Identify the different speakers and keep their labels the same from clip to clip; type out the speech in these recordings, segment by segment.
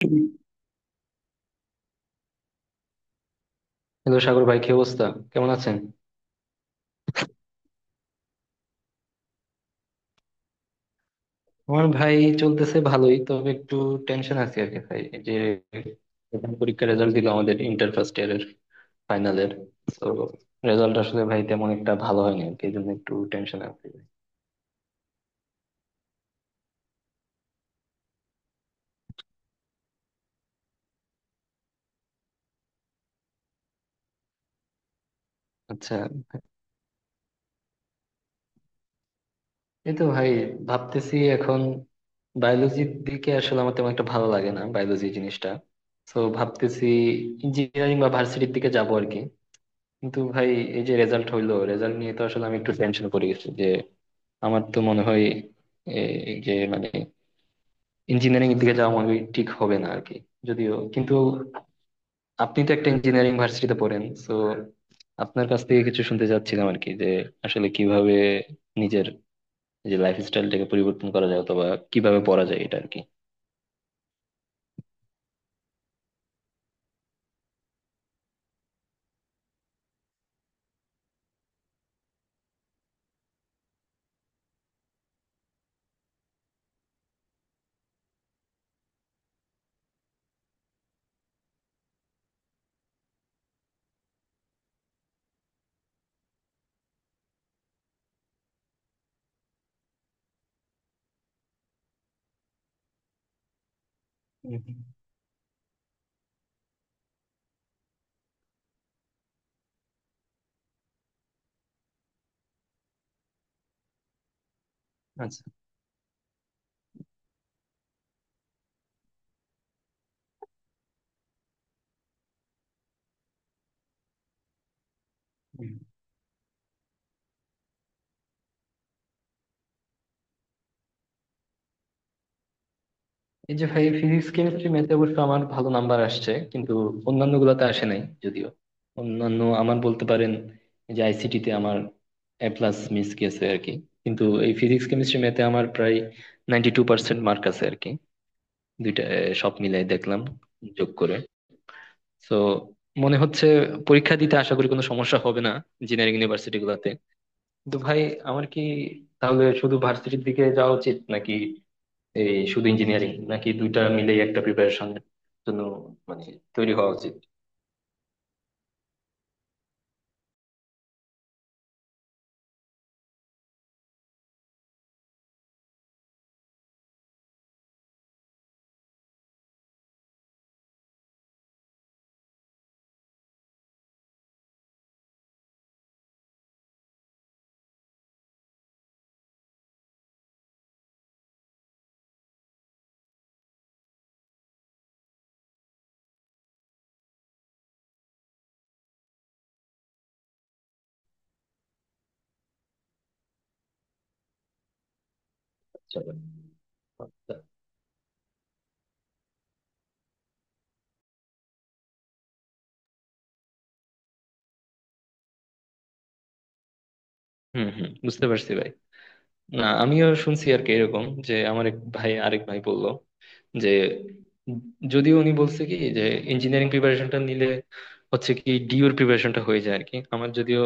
Speaker 1: Hello. Sagar ভাই, কি অবস্থা? কেমন আছেন? আমার ভাই চলতেছে ভালোই, তবে একটু টেনশন আছে আর কি ভাই। এই যে প্রথম পরীক্ষার রেজাল্ট দিল আমাদের ইন্টার ফার্স্ট ইয়ারের ফাইনালের, তো রেজাল্ট আসলে ভাই তেমন একটা ভালো হয়নি আর কি, এই জন্য একটু টেনশন আছে। আচ্ছা, এই তো ভাই ভাবতেছি এখন বায়োলজির দিকে, আসলে আমার তেমন একটা ভালো লাগে না বায়োলজি জিনিসটা। তো ভাবতেছি ইঞ্জিনিয়ারিং বা ভার্সিটির দিকে যাবো আর কি। কিন্তু ভাই, এই যে রেজাল্ট হইলো, রেজাল্ট নিয়ে তো আসলে আমি একটু টেনশন করে গেছি যে আমার তো মনে হয় এই যে মানে ইঞ্জিনিয়ারিং এর দিকে যাওয়া মনে হয় ঠিক হবে না আর কি। যদিও কিন্তু আপনি তো একটা ইঞ্জিনিয়ারিং ভার্সিটিতে পড়েন, তো আপনার কাছ থেকে কিছু শুনতে চাচ্ছিলাম আর কি যে আসলে কিভাবে নিজের যে লাইফ স্টাইলটাকে পরিবর্তন করা যায়, অথবা কিভাবে পড়া যায় এটা আর কি। হুম, হুম। আচ্ছা। এই যে ভাই, ফিজিক্স কেমিস্ট্রি ম্যাথে অবশ্য আমার ভালো নাম্বার আসছে, কিন্তু অন্যান্য গুলাতে আসে নাই। যদিও অন্যান্য আমার বলতে পারেন যে আইসিটি তে আমার এ প্লাস মিস গেছে আর কি। কিন্তু এই ফিজিক্স কেমিস্ট্রি ম্যাথে আমার প্রায় 92% মার্ক আছে আর কি, দুইটা এ, সব মিলাই দেখলাম যোগ করে। তো মনে হচ্ছে পরীক্ষা দিতে আশা করি কোনো সমস্যা হবে না ইঞ্জিনিয়ারিং ইউনিভার্সিটি গুলাতে। কিন্তু ভাই, আমার কি তাহলে শুধু ভার্সিটির দিকে যাওয়া উচিত, নাকি এই শুধু ইঞ্জিনিয়ারিং, নাকি দুইটা মিলেই একটা প্রিপারেশন জন্য মানে তৈরি হওয়া উচিত? সবার? আচ্ছা। হুম হুম বুঝতে পারছি ভাই। না, আমিও শুনছি আর কি এরকম, যে আমার এক ভাই, আরেক ভাই বলল যে, যদিও উনি বলছে কি যে ইঞ্জিনিয়ারিং প্রিপারেশনটা নিলে হচ্ছে কি ডিউর প্রিপারেশনটা হয়ে যায় আর কি। আমার যদিও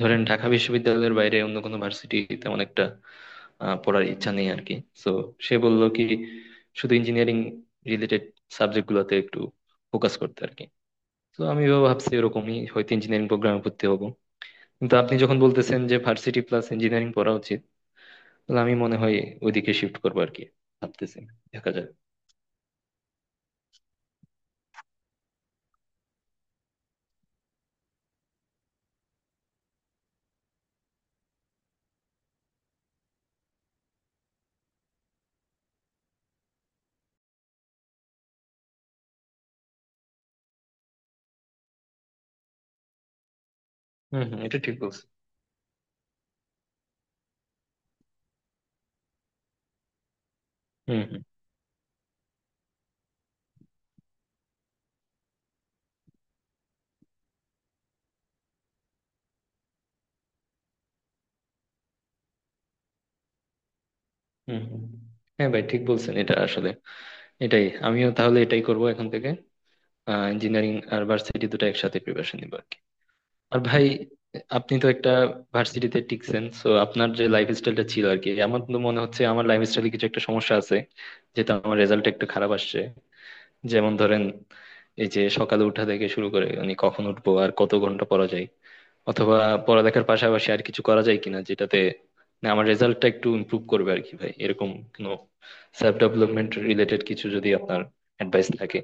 Speaker 1: ধরেন ঢাকা বিশ্ববিদ্যালয়ের বাইরে অন্য কোনো ভার্সিটি তেমন একটা পড়ার ইচ্ছা নেই আর কি। তো সে বলল কি শুধু ইঞ্জিনিয়ারিং রিলেটেড সাবজেক্ট গুলোতে একটু ফোকাস করতে আর কি। তো আমি ভাবছি এরকমই, হয়তো ইঞ্জিনিয়ারিং প্রোগ্রামে ভর্তি হবো। কিন্তু আপনি যখন বলতেছেন যে ভার্সিটি প্লাস ইঞ্জিনিয়ারিং পড়া উচিত, তাহলে আমি মনে হয় ওইদিকে শিফট করবো আর কি, ভাবতেছি, দেখা যাক। হম হম এটা ঠিক বলছেন। হুম হুম হুম হুম। হ্যাঁ ভাই, ঠিক বলছেন, এটা আসলে এটাই। আমিও তাহলে এটাই করব এখন থেকে, ইঞ্জিনিয়ারিং আর ভার্সিটি দুটো একসাথে প্রিপারেশন নিবো আর কি। আর ভাই, আপনি তো একটা ভার্সিটিতে টিকছেন, সো আপনার যে লাইফ স্টাইলটা ছিল আর কি, আমার তো মনে হচ্ছে আমার লাইফ স্টাইলে কিছু একটা সমস্যা আছে, যেটা আমার রেজাল্ট একটু খারাপ আসছে। যেমন ধরেন এই যে সকালে উঠা থেকে শুরু করে মানে কখন উঠবো আর কত ঘন্টা পড়া যায়, অথবা পড়ালেখার পাশাপাশি আর কিছু করা যায় কিনা, যেটাতে না আমার রেজাল্টটা একটু ইমপ্রুভ করবে আর কি ভাই, এরকম কোনো সেলফ ডেভেলপমেন্ট রিলেটেড কিছু যদি আপনার অ্যাডভাইস থাকে।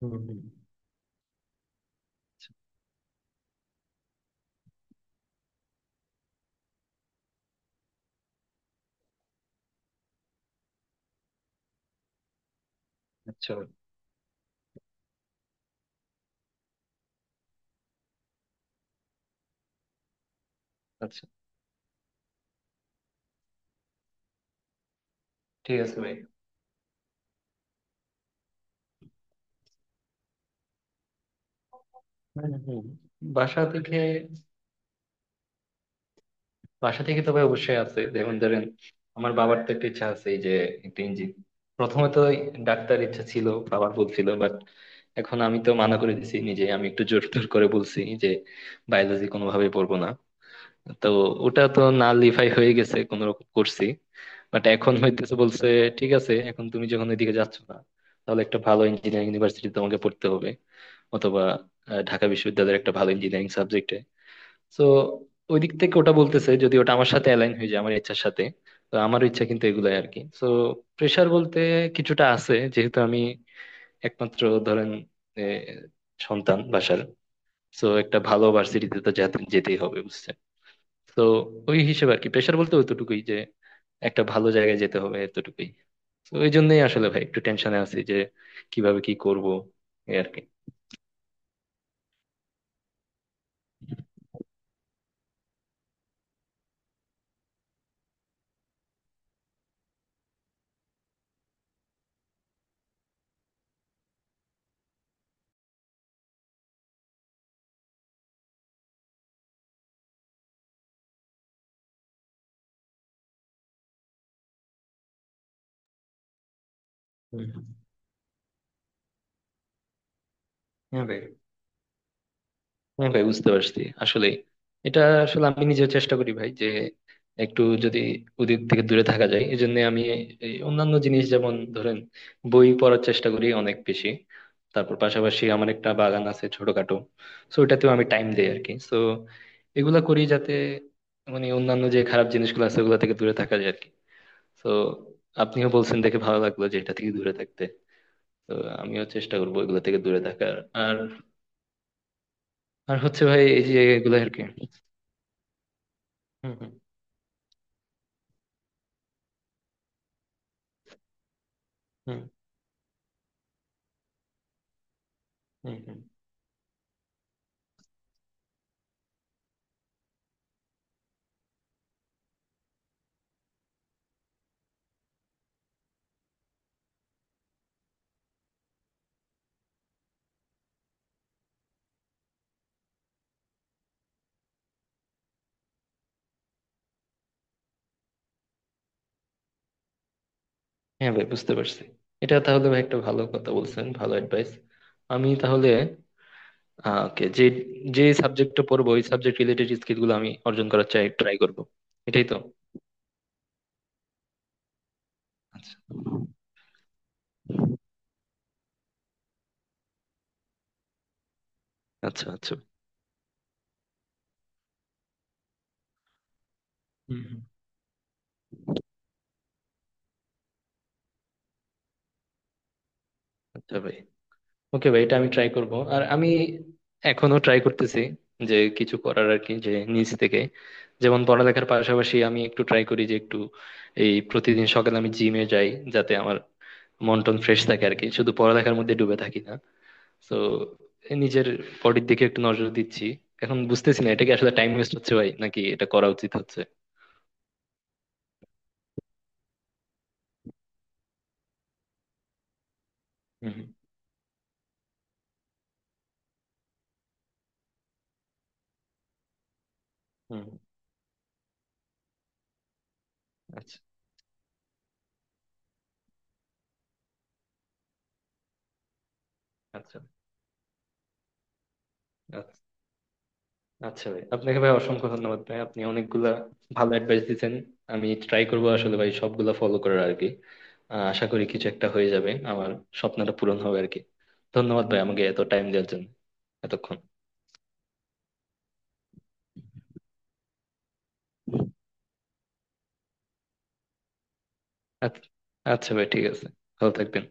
Speaker 1: হুম, হুম। আচ্ছা আচ্ছা। ঠিক আছে ভাই। হুম, হুম। বাসা থেকে, বাসা থেকে তো ভাই অবশ্যই আছে। যেমন ধরেন আমার বাবার তো একটা ইচ্ছা আছে, এই যে একটা ইঞ্জিন, প্রথমে তো ডাক্তার ইচ্ছা ছিল বাবার, বলছিল, বাট এখন আমি তো মানা করে দিছি নিজে, আমি একটু জোর টোর করে বলছি যে বায়োলজি কোনোভাবে পড়বো না। তো ওটা তো না লিফাই হয়ে গেছে কোনো রকম করছি। বাট এখন হইতেছে বলছে ঠিক আছে, এখন তুমি যখন ওইদিকে যাচ্ছ না, তাহলে একটা ভালো ইঞ্জিনিয়ারিং ইউনিভার্সিটি তোমাকে পড়তে হবে, অথবা ঢাকা বিশ্ববিদ্যালয়ের একটা ভালো ইঞ্জিনিয়ারিং সাবজেক্টে। তো ওই দিক থেকে ওটা বলতেছে, যদি ওটা আমার সাথে অ্যালাইন হয়ে যায় আমার ইচ্ছার সাথে, তো আমার ইচ্ছা কিন্তু এগুলাই আর কি। তো প্রেসার বলতে কিছুটা আছে, যেহেতু আমি একমাত্র ধরেন এ, সন্তান বাসার, তো একটা ভালো ভার্সিটিতে তো যেতে যেতেই হবে বুঝছেন। তো ওই হিসেবে আর কি, প্রেসার বলতে ওইটুকুই, যে একটা ভালো জায়গায় যেতে হবে এতটুকুই। তো ওই জন্যই আসলে ভাই একটু টেনশনে আছি যে কিভাবে কি করব, এই আর কি। হুম। হ্যাঁ ভাই, হ্যাঁ ভাই বুঝতে পারছি। আসলে এটা, আসলে আমি নিজেও চেষ্টা করি ভাই যে একটু যদি ওদের থেকে দূরে থাকা যায়, এই জন্য আমি এই অন্যান্য জিনিস, যেমন ধরেন বই পড়ার চেষ্টা করি অনেক বেশি। তারপর পাশাপাশি আমার একটা বাগান আছে ছোটখাটো, সো ওটাতেও আমি টাইম দেই আর কি। সো এগুলা করি যাতে মানে অন্যান্য যে খারাপ জিনিসগুলো আছে ওগুলা থেকে দূরে থাকা যায় আর কি। তো আপনিও বলছেন দেখে ভালো লাগলো, যে এটা থেকে দূরে থাকতে, তো আমিও চেষ্টা করবো এগুলা থেকে দূরে থাকার। আর, আর হচ্ছে ভাই এই যে এগুলো আর কি। হম। হুম হুম হুম হ্যাঁ ভাই বুঝতে পারছি। এটা তাহলে ভাই একটা ভালো কথা বলছেন, ভালো অ্যাডভাইস। আমি তাহলে ওকে, যে যে সাবজেক্টটা পড়বো ওই সাবজেক্ট রিলেটেড স্কিল গুলো আমি অর্জন করার চাই, ট্রাই করব এটাই তো। আচ্ছা আচ্ছা আচ্ছা। হুম হুম। আচ্ছা ভাই, ওকে ভাই, এটা আমি ট্রাই করব। আর আমি এখনো ট্রাই করতেছি যে কিছু করার আর কি, যে নিজ থেকে। যেমন পড়ালেখার পাশাপাশি আমি একটু ট্রাই করি যে একটু এই প্রতিদিন সকালে আমি জিমে যাই, যাতে আমার মন টন ফ্রেশ থাকে আর কি, শুধু পড়ালেখার মধ্যে ডুবে থাকি না। তো নিজের বডির দিকে একটু নজর দিচ্ছি। এখন বুঝতেছি না এটা কি আসলে টাইম ওয়েস্ট হচ্ছে ভাই, নাকি এটা করা উচিত হচ্ছে। হুম হুম হুম। আচ্ছা আচ্ছা আচ্ছা। আচ্ছা ভাই, আপনাকে ভাই অসংখ্য ধন্যবাদ ভাই, আপনি অনেকগুলা ভালো অ্যাডভাইস দিচ্ছেন। আমি ট্রাই করবো আসলে ভাই সবগুলা ফলো করার আর কি। আশা করি কিছু একটা হয়ে যাবে, আমার স্বপ্নটা পূরণ হবে আর কি। ধন্যবাদ ভাই আমাকে এত টাইম দেওয়ার জন্য এতক্ষণ। আচ্ছা। আচ্ছা ভাই ঠিক আছে, ভালো থাকবেন।